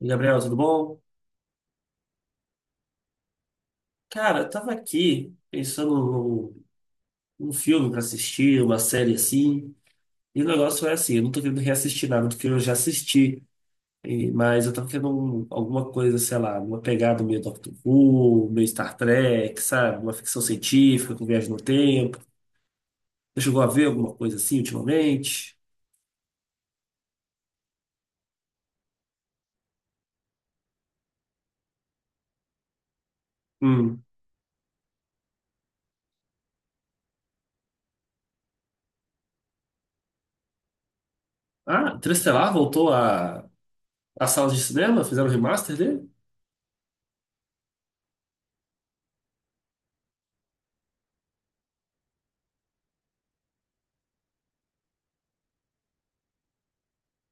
Gabriel, tudo bom? Cara, eu tava aqui pensando num filme pra assistir, uma série assim, e o negócio é assim, eu não tô querendo reassistir nada do que eu já assisti, mas eu tava querendo alguma coisa, sei lá, uma pegada meio Doctor Who, meio Star Trek, sabe? Uma ficção científica com viagem no tempo. Você chegou a ver alguma coisa assim ultimamente? Hum. Ah, Interestelar voltou à sala de cinema? Fizeram o remaster dele?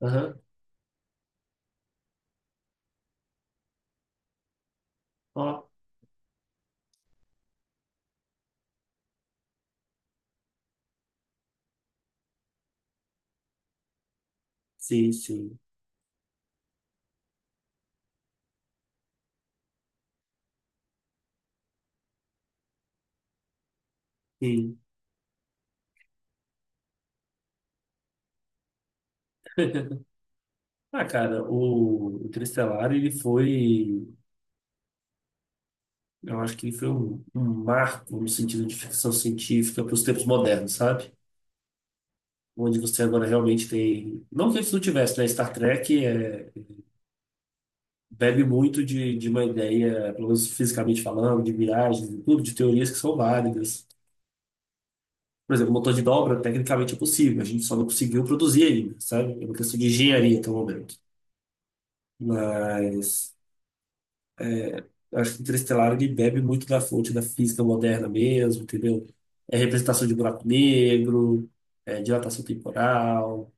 Aham. Ó, sim, sim. Sim. Ah, cara, o Interestelar, ele foi, eu acho que ele foi um marco no sentido de ficção científica para os tempos modernos, sabe? Onde você agora realmente tem. Não que antes não tivesse, né? Star Trek bebe muito de uma ideia, pelo menos fisicamente falando, de miragens e tudo, de teorias que são válidas. Por exemplo, o motor de dobra, tecnicamente é possível, a gente só não conseguiu produzir ainda, sabe? É uma questão de engenharia até o momento. Mas. Eu acho que Interestelar ele bebe muito da fonte da física moderna mesmo, entendeu? É representação de buraco negro, é dilatação temporal,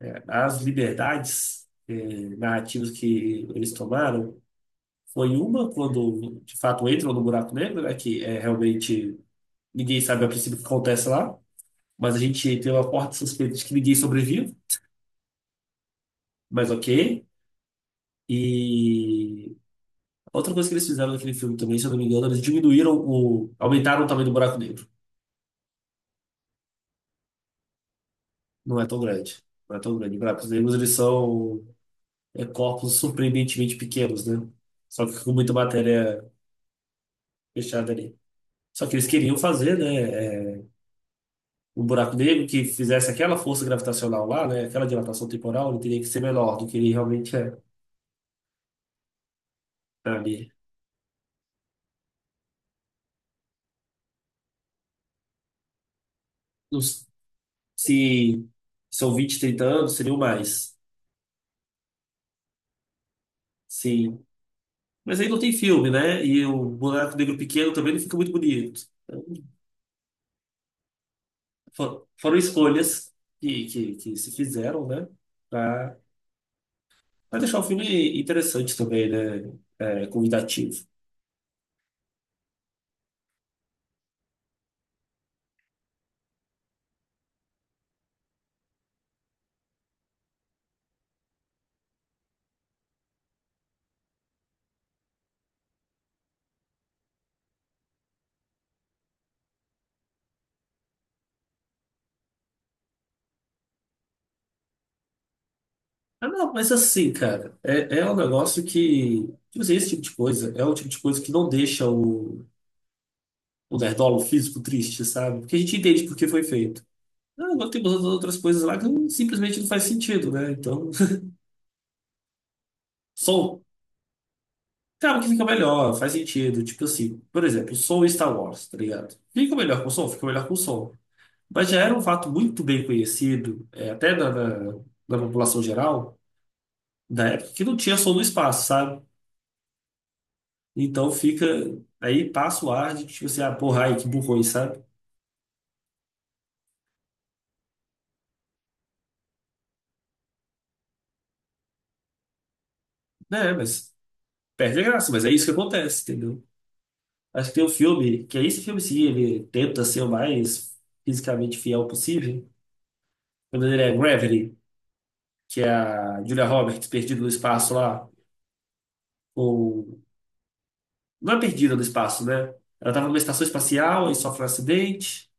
as liberdades narrativas que eles tomaram. Foi uma quando, de fato, entram no buraco negro, né, que é realmente ninguém sabe a princípio o que acontece lá, mas a gente tem uma forte suspeita de que ninguém sobrevive, mas ok. E outra coisa que eles fizeram naquele filme também, se eu não me engano, eles aumentaram o tamanho do buraco negro. Não é tão grande. Não é tão grande. Claro, os negros, eles são corpos surpreendentemente pequenos, né? Só que com muita matéria fechada ali. Só que eles queriam fazer, né, um buraco negro que fizesse aquela força gravitacional lá, né, aquela dilatação temporal, ele teria que ser menor do que ele realmente é. Tá ali. Nos- Se são 20, 30 anos, seriam mais. Sim. Mas aí não tem filme, né? E o buraco negro pequeno também não fica muito bonito. Foram escolhas que se fizeram, né? Pra, pra deixar o filme interessante também, né? É, convidativo. Ah, não, mas assim, cara, é um negócio que. Tipo assim, esse tipo de coisa é o tipo de coisa que não deixa o nerdola, físico triste, sabe? Porque a gente entende por que foi feito. Ah, agora tem umas outras coisas lá que simplesmente não faz sentido, né? Então, som. Claro que fica melhor, faz sentido. Tipo assim, por exemplo, som em Star Wars, tá ligado? Fica melhor com som? Fica melhor com som. Mas já era um fato muito bem conhecido, até da população geral, da época, que não tinha som no espaço, sabe? Então fica. Aí passa o ar de que, tipo assim, ah, porra, ai, que burrões, sabe? É, mas perde a graça, mas é isso que acontece, entendeu? Acho que tem um filme, que é esse filme sim, ele tenta ser o mais fisicamente fiel possível. O nome dele é Gravity, que é a Julia Roberts perdida no espaço lá, ou. Não é perdida no espaço, né? Ela tava numa estação espacial e sofre um acidente.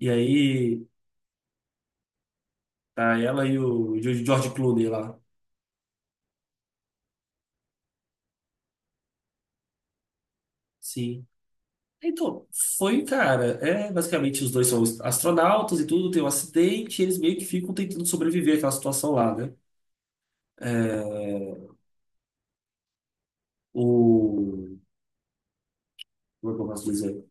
E aí tá, ela e o George Clooney lá. Sim. Então, foi, cara, basicamente os dois são astronautas e tudo, tem um acidente, e eles meio que ficam tentando sobreviver àquela situação lá, né? O, como é que eu posso dizer?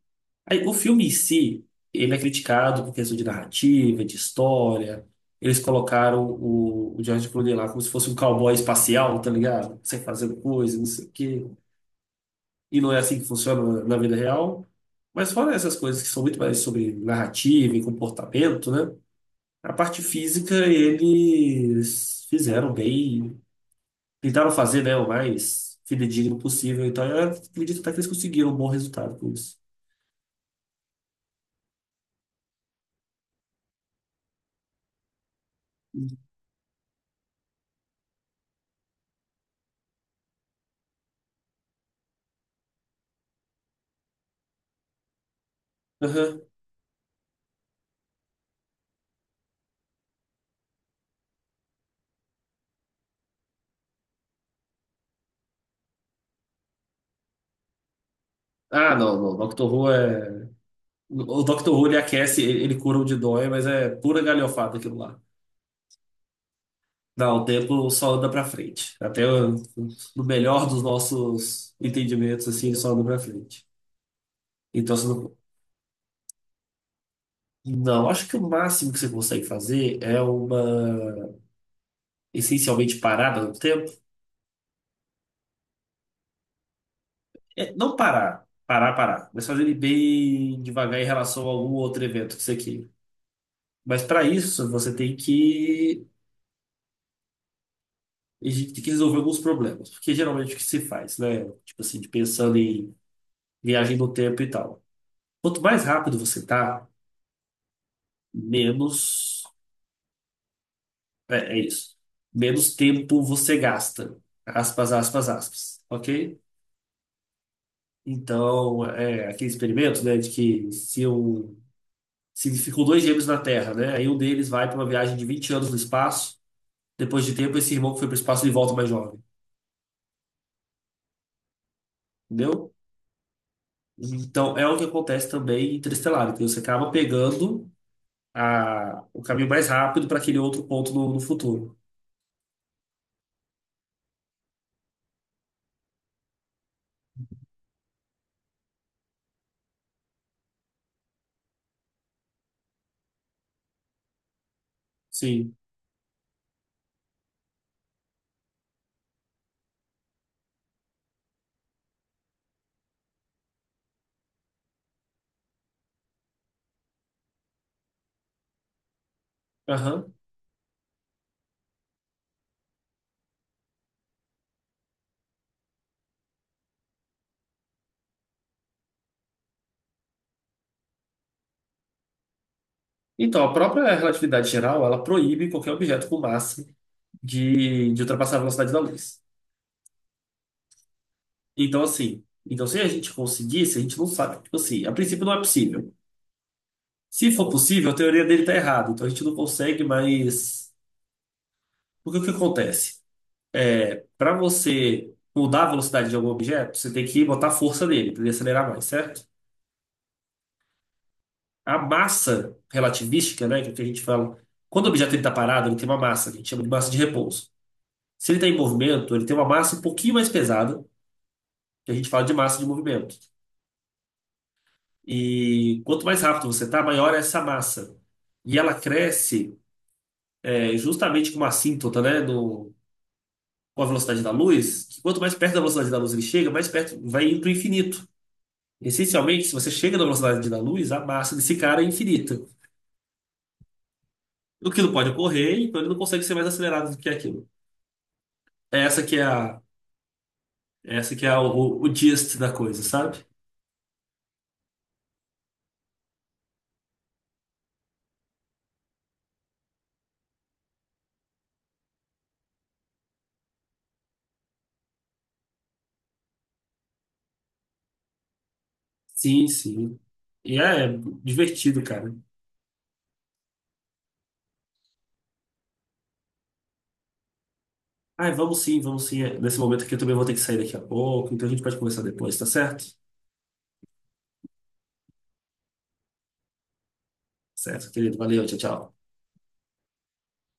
Aí, o filme em si, ele é criticado por questão de narrativa, de história. Eles colocaram o George Clooney lá como se fosse um cowboy espacial, tá ligado? Sem fazer coisa, não sei o quê. E não é assim que funciona na vida real. Mas fora essas coisas que são muito mais sobre narrativa e comportamento, né? A parte física eles fizeram bem, tentaram fazer, né, o mais fidedigno possível. Então eu acredito até que eles conseguiram um bom resultado com isso. Aham. Ah, não, não. Doctor Who é. O Doctor Who ele aquece, ele cura o de dói, mas é pura galhofada aquilo lá. Não, o tempo só anda pra frente. No melhor dos nossos entendimentos, assim, ele só anda pra frente. Então, você não, não, acho que o máximo que você consegue fazer é uma essencialmente parada no tempo. É, não parar, mas fazer ele bem devagar em relação a algum outro evento que você queira. Mas para isso, a gente tem que resolver alguns problemas, porque geralmente o que se faz, né? Tipo assim, de pensando em viagem no tempo e tal. Quanto mais rápido você tá, menos. É, é isso. Menos tempo você gasta. Aspas, aspas, aspas. Ok? Então, é aquele experimento, né, de que se ficam dois gêmeos na Terra, né, aí um deles vai para uma viagem de 20 anos no espaço, depois de tempo esse irmão que foi para o espaço ele volta mais jovem, entendeu? Então, é o que acontece também em Interestelar, então você acaba pegando o caminho mais rápido para aquele outro ponto no futuro. Sim. Aham. Então, a própria relatividade geral, ela proíbe qualquer objeto com massa de ultrapassar a velocidade da luz. Então, assim, então se a gente conseguisse, a gente não sabe, tipo assim, a princípio não é possível. Se for possível, a teoria dele tá errada, então a gente não consegue, mas porque o que acontece? É, para você mudar a velocidade de algum objeto, você tem que botar a força nele para ele acelerar mais, certo? A massa relativística, né, que é o que a gente fala, quando o objeto ele tá parado, ele tem uma massa, que a gente chama de massa de repouso. Se ele está em movimento, ele tem uma massa um pouquinho mais pesada, que a gente fala de massa de movimento. E quanto mais rápido você tá, maior é essa massa. E ela cresce justamente com uma assíntota, né? No, com a velocidade da luz, que quanto mais perto da velocidade da luz ele chega, mais perto vai indo para o infinito. Essencialmente, se você chega na velocidade da luz, a massa desse cara é infinita. O que não pode ocorrer, então ele não consegue ser mais acelerado do que aquilo. Essa que é é essa que é o gist da coisa, sabe? Sim, sim. E é divertido, cara. Ai, vamos sim, vamos sim. É, nesse momento aqui eu também vou ter que sair daqui a pouco, então a gente pode conversar depois, tá certo? Certo, querido. Valeu, tchau, tchau.